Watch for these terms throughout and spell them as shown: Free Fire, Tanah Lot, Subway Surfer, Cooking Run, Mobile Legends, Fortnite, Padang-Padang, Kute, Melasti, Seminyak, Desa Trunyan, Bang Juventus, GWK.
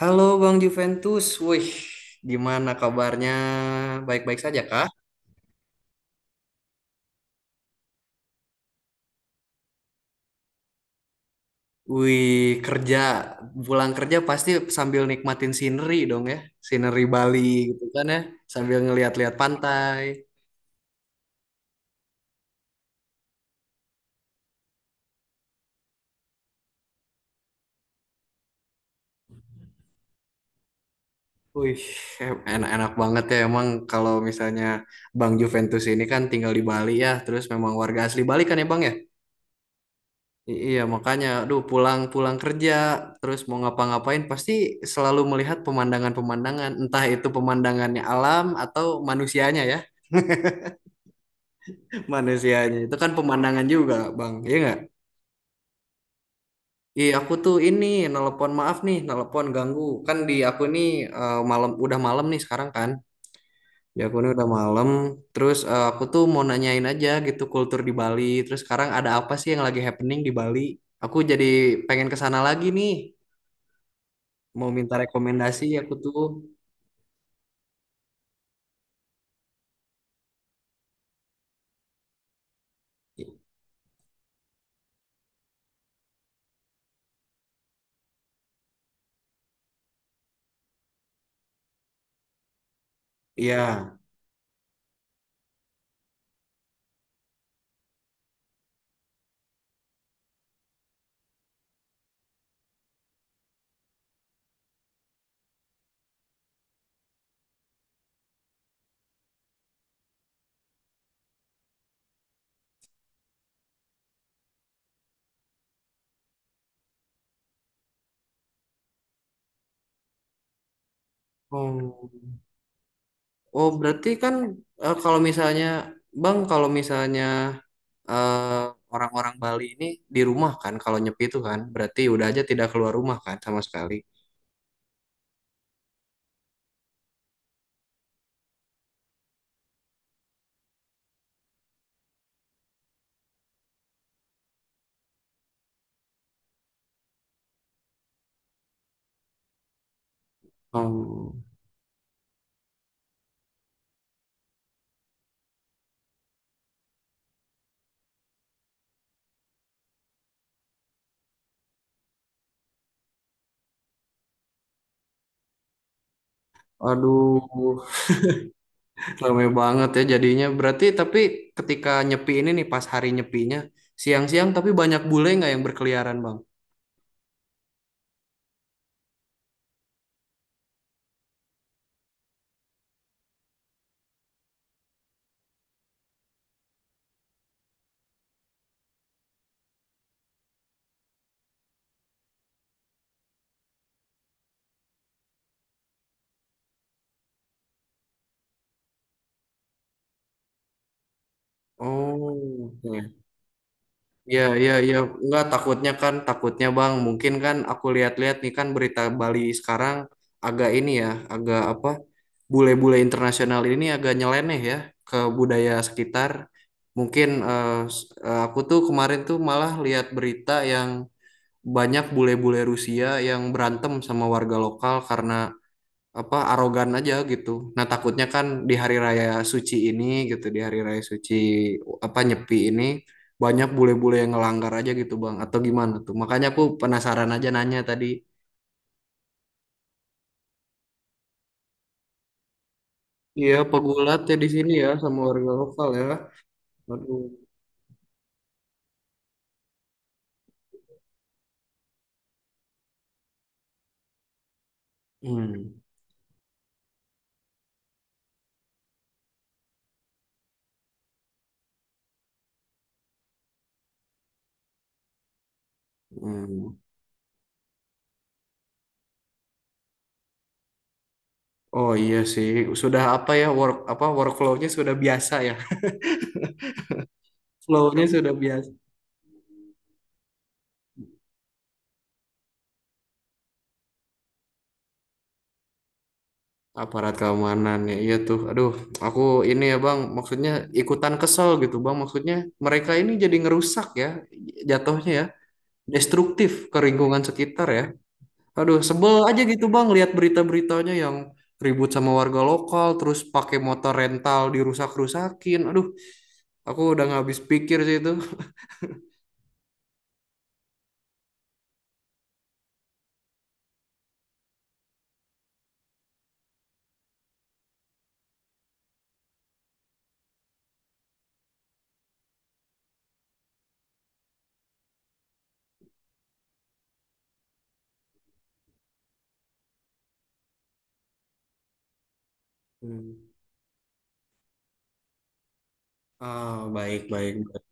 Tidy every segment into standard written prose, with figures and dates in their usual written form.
Halo Bang Juventus, wih, gimana kabarnya? Baik-baik saja kah? Wih, kerja, pulang kerja pasti sambil nikmatin scenery dong ya, scenery Bali gitu kan ya, sambil ngeliat-liat pantai. Wih, enak-enak banget ya emang kalau misalnya Bang Juventus ini kan tinggal di Bali ya, terus memang warga asli Bali kan ya Bang ya? Iya, makanya, aduh, pulang-pulang kerja, terus mau ngapa-ngapain, pasti selalu melihat pemandangan-pemandangan, entah itu pemandangannya alam atau manusianya ya. Manusianya itu kan pemandangan juga, Bang. Iya nggak? Iya, aku tuh ini nelpon maaf nih, nelpon ganggu. Kan di aku nih malam udah malam nih sekarang kan. Di aku nih udah malam. Terus aku tuh mau nanyain aja gitu kultur di Bali. Terus sekarang ada apa sih yang lagi happening di Bali? Aku jadi pengen ke sana lagi nih, mau minta rekomendasi aku tuh ya. Oh, oh berarti kan kalau misalnya bang kalau misalnya eh, orang-orang Bali ini di rumah kan kalau nyepi itu kan berarti udah aja tidak keluar rumah kan sama sekali. Oh, aduh, rame banget ya jadinya berarti tapi ketika nyepi ini nih pas hari nyepinya siang-siang tapi banyak bule nggak yang berkeliaran bang? Oh, oke. Iya, iya, iya. Enggak, takutnya kan, takutnya Bang. Mungkin kan aku lihat-lihat nih kan berita Bali sekarang agak ini ya, agak apa, bule-bule internasional ini agak nyeleneh ya ke budaya sekitar. Mungkin aku tuh kemarin tuh malah lihat berita yang banyak bule-bule Rusia yang berantem sama warga lokal karena apa arogan aja gitu. Nah, takutnya kan di hari raya suci ini gitu, di hari raya suci apa Nyepi ini banyak bule-bule yang ngelanggar aja gitu, Bang. Atau gimana tuh? Makanya aku penasaran aja nanya tadi. Iya, pegulat ya di sini ya sama warga lokal ya. Aduh. Hmm. Hmm. Oh iya sih, sudah apa ya work apa workflow-nya sudah biasa ya. Flow-nya sudah biasa. Aparat keamanan ya, iya tuh, aduh, aku ini ya bang maksudnya ikutan kesel gitu bang, maksudnya mereka ini jadi ngerusak ya jatuhnya ya, destruktif ke lingkungan sekitar ya. Aduh, sebel aja gitu bang lihat berita-beritanya yang ribut sama warga lokal terus pakai motor rental dirusak-rusakin. Aduh, aku udah nggak habis pikir sih itu. Hmm. Ah, baik, baik, baik.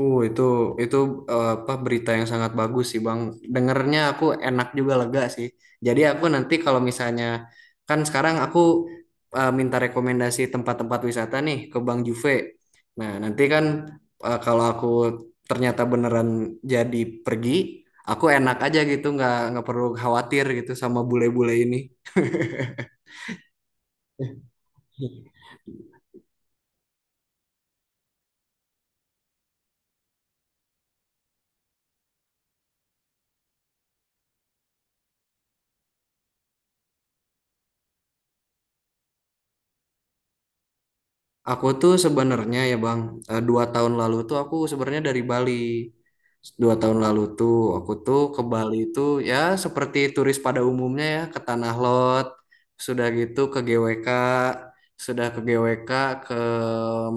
Uh, itu itu apa berita yang sangat bagus sih, Bang. Dengernya aku enak juga, lega sih. Jadi aku nanti kalau misalnya kan sekarang aku minta rekomendasi tempat-tempat wisata nih ke Bang Juve. Nah, nanti kan kalau aku ternyata beneran jadi pergi, aku enak aja gitu, nggak perlu khawatir gitu sama bule-bule ini. Aku tuh sebenarnya ya Bang, 2 tahun lalu tuh aku sebenarnya dari Bali. 2 tahun lalu tuh aku tuh ke Bali tuh ya seperti turis pada umumnya ya ke Tanah Lot, sudah gitu ke GWK, sudah ke GWK ke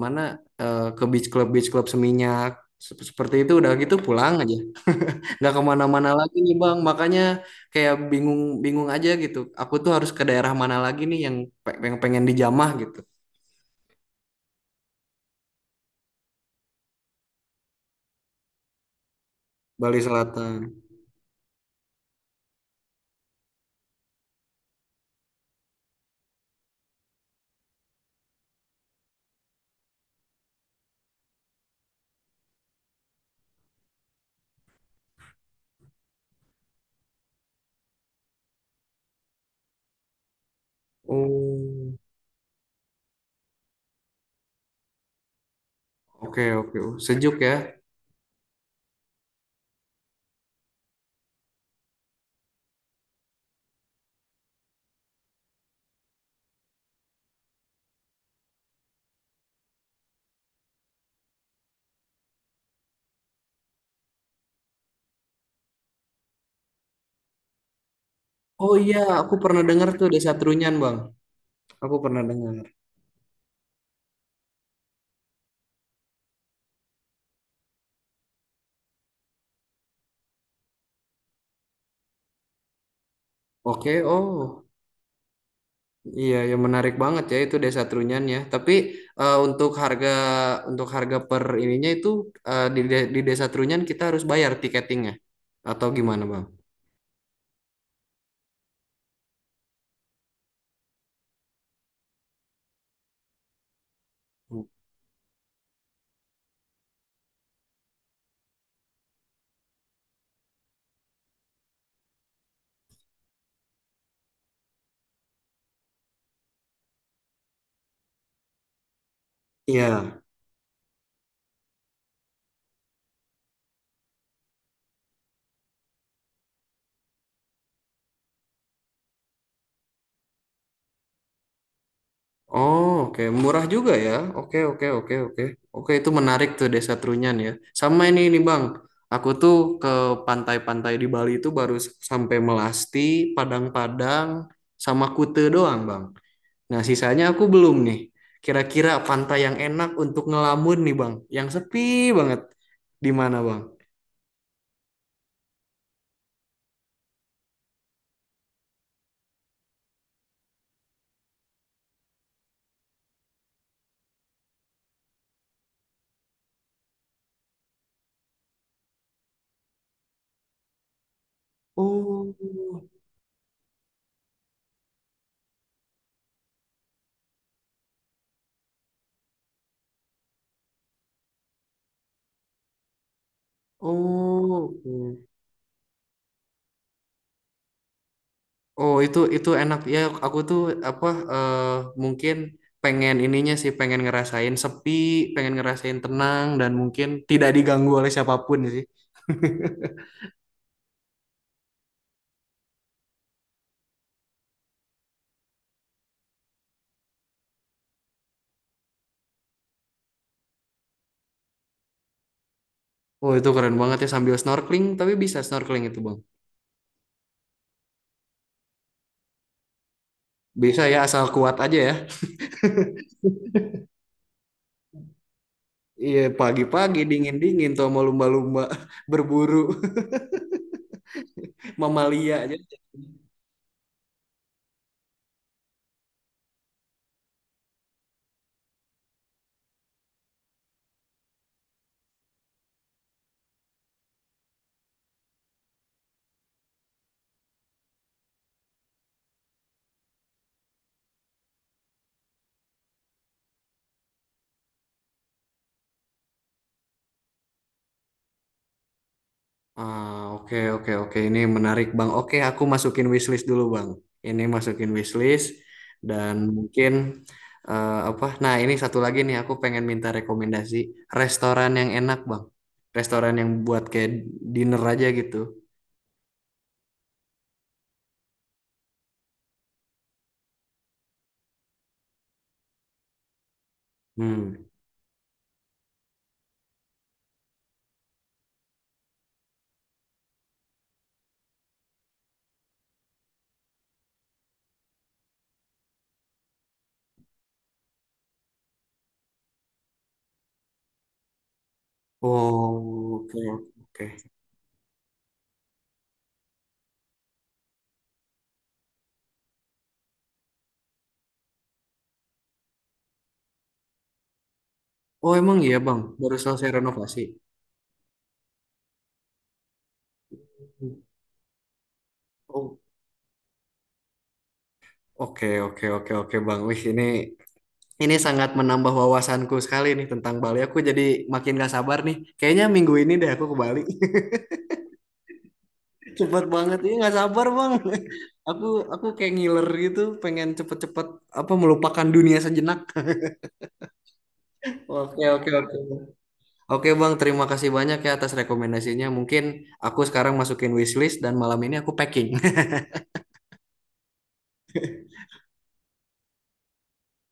mana ke beach club Seminyak. Seperti itu udah gitu pulang aja, nggak kemana-mana lagi nih Bang. Makanya kayak bingung bingung aja gitu. Aku tuh harus ke daerah mana lagi nih yang yang pengen dijamah gitu. Bali Selatan. Oh, oke oke. Oh, sejuk ya. Oh iya, aku pernah dengar tuh Desa Trunyan, Bang. Aku pernah dengar. Oke, oh. Iya, ya menarik banget ya itu Desa Trunyan ya. Tapi eh, untuk harga untuk harga per ininya itu di Desa Trunyan kita harus bayar tiketingnya atau gimana, Bang? Iya. Oh, oke, murah juga ya. Oke, oke, oke, oke. Oke, itu menarik tuh Desa Trunyan ya. Sama ini nih, Bang. Aku tuh ke pantai-pantai di Bali itu baru sampai Melasti, Padang-Padang, sama Kute doang, Bang. Nah, sisanya aku belum nih. Kira-kira pantai yang enak untuk ngelamun nih, Bang. Yang sepi banget. Di mana, Bang? Oh, oh, oke. Oh itu enak ya, aku tuh apa eh, mungkin pengen ininya sih, pengen ngerasain sepi, pengen ngerasain tenang dan mungkin tidak diganggu oleh siapapun sih. Oh itu keren banget ya sambil snorkeling, tapi bisa snorkeling itu bang? Bisa ya asal kuat aja ya. Iya pagi-pagi dingin-dingin tuh sama lumba-lumba berburu mamalia aja. Ah, oke oke oke ini menarik Bang. Oke, aku masukin wishlist dulu Bang. Ini masukin wishlist dan mungkin apa? Nah, ini satu lagi nih aku pengen minta rekomendasi restoran yang enak Bang. Restoran yang buat kayak dinner aja gitu. Hmm. Oh, oke oke. Oh, emang iya Bang, baru selesai renovasi. Oh, oke oke oke oke Bang. Wih, ini sangat menambah wawasanku sekali nih tentang Bali. Aku jadi makin gak sabar nih. Kayaknya minggu ini deh aku ke Bali. Cepet banget. Ini gak sabar bang. Aku kayak ngiler gitu. Pengen cepet-cepet apa melupakan dunia sejenak. Oke oke oke. Oke bang, terima kasih banyak ya atas rekomendasinya. Mungkin aku sekarang masukin wishlist dan malam ini aku packing.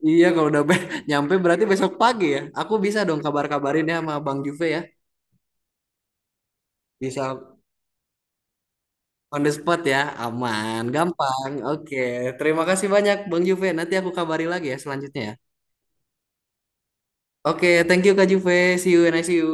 Iya kalau udah nyampe berarti besok pagi ya. Aku bisa dong kabar-kabarin ya sama Bang Juve ya. Bisa. On the spot ya, aman, gampang. Oke, terima kasih banyak Bang Juve. Nanti aku kabari lagi ya selanjutnya ya. Oke, thank you Kak Juve. See you and I see you.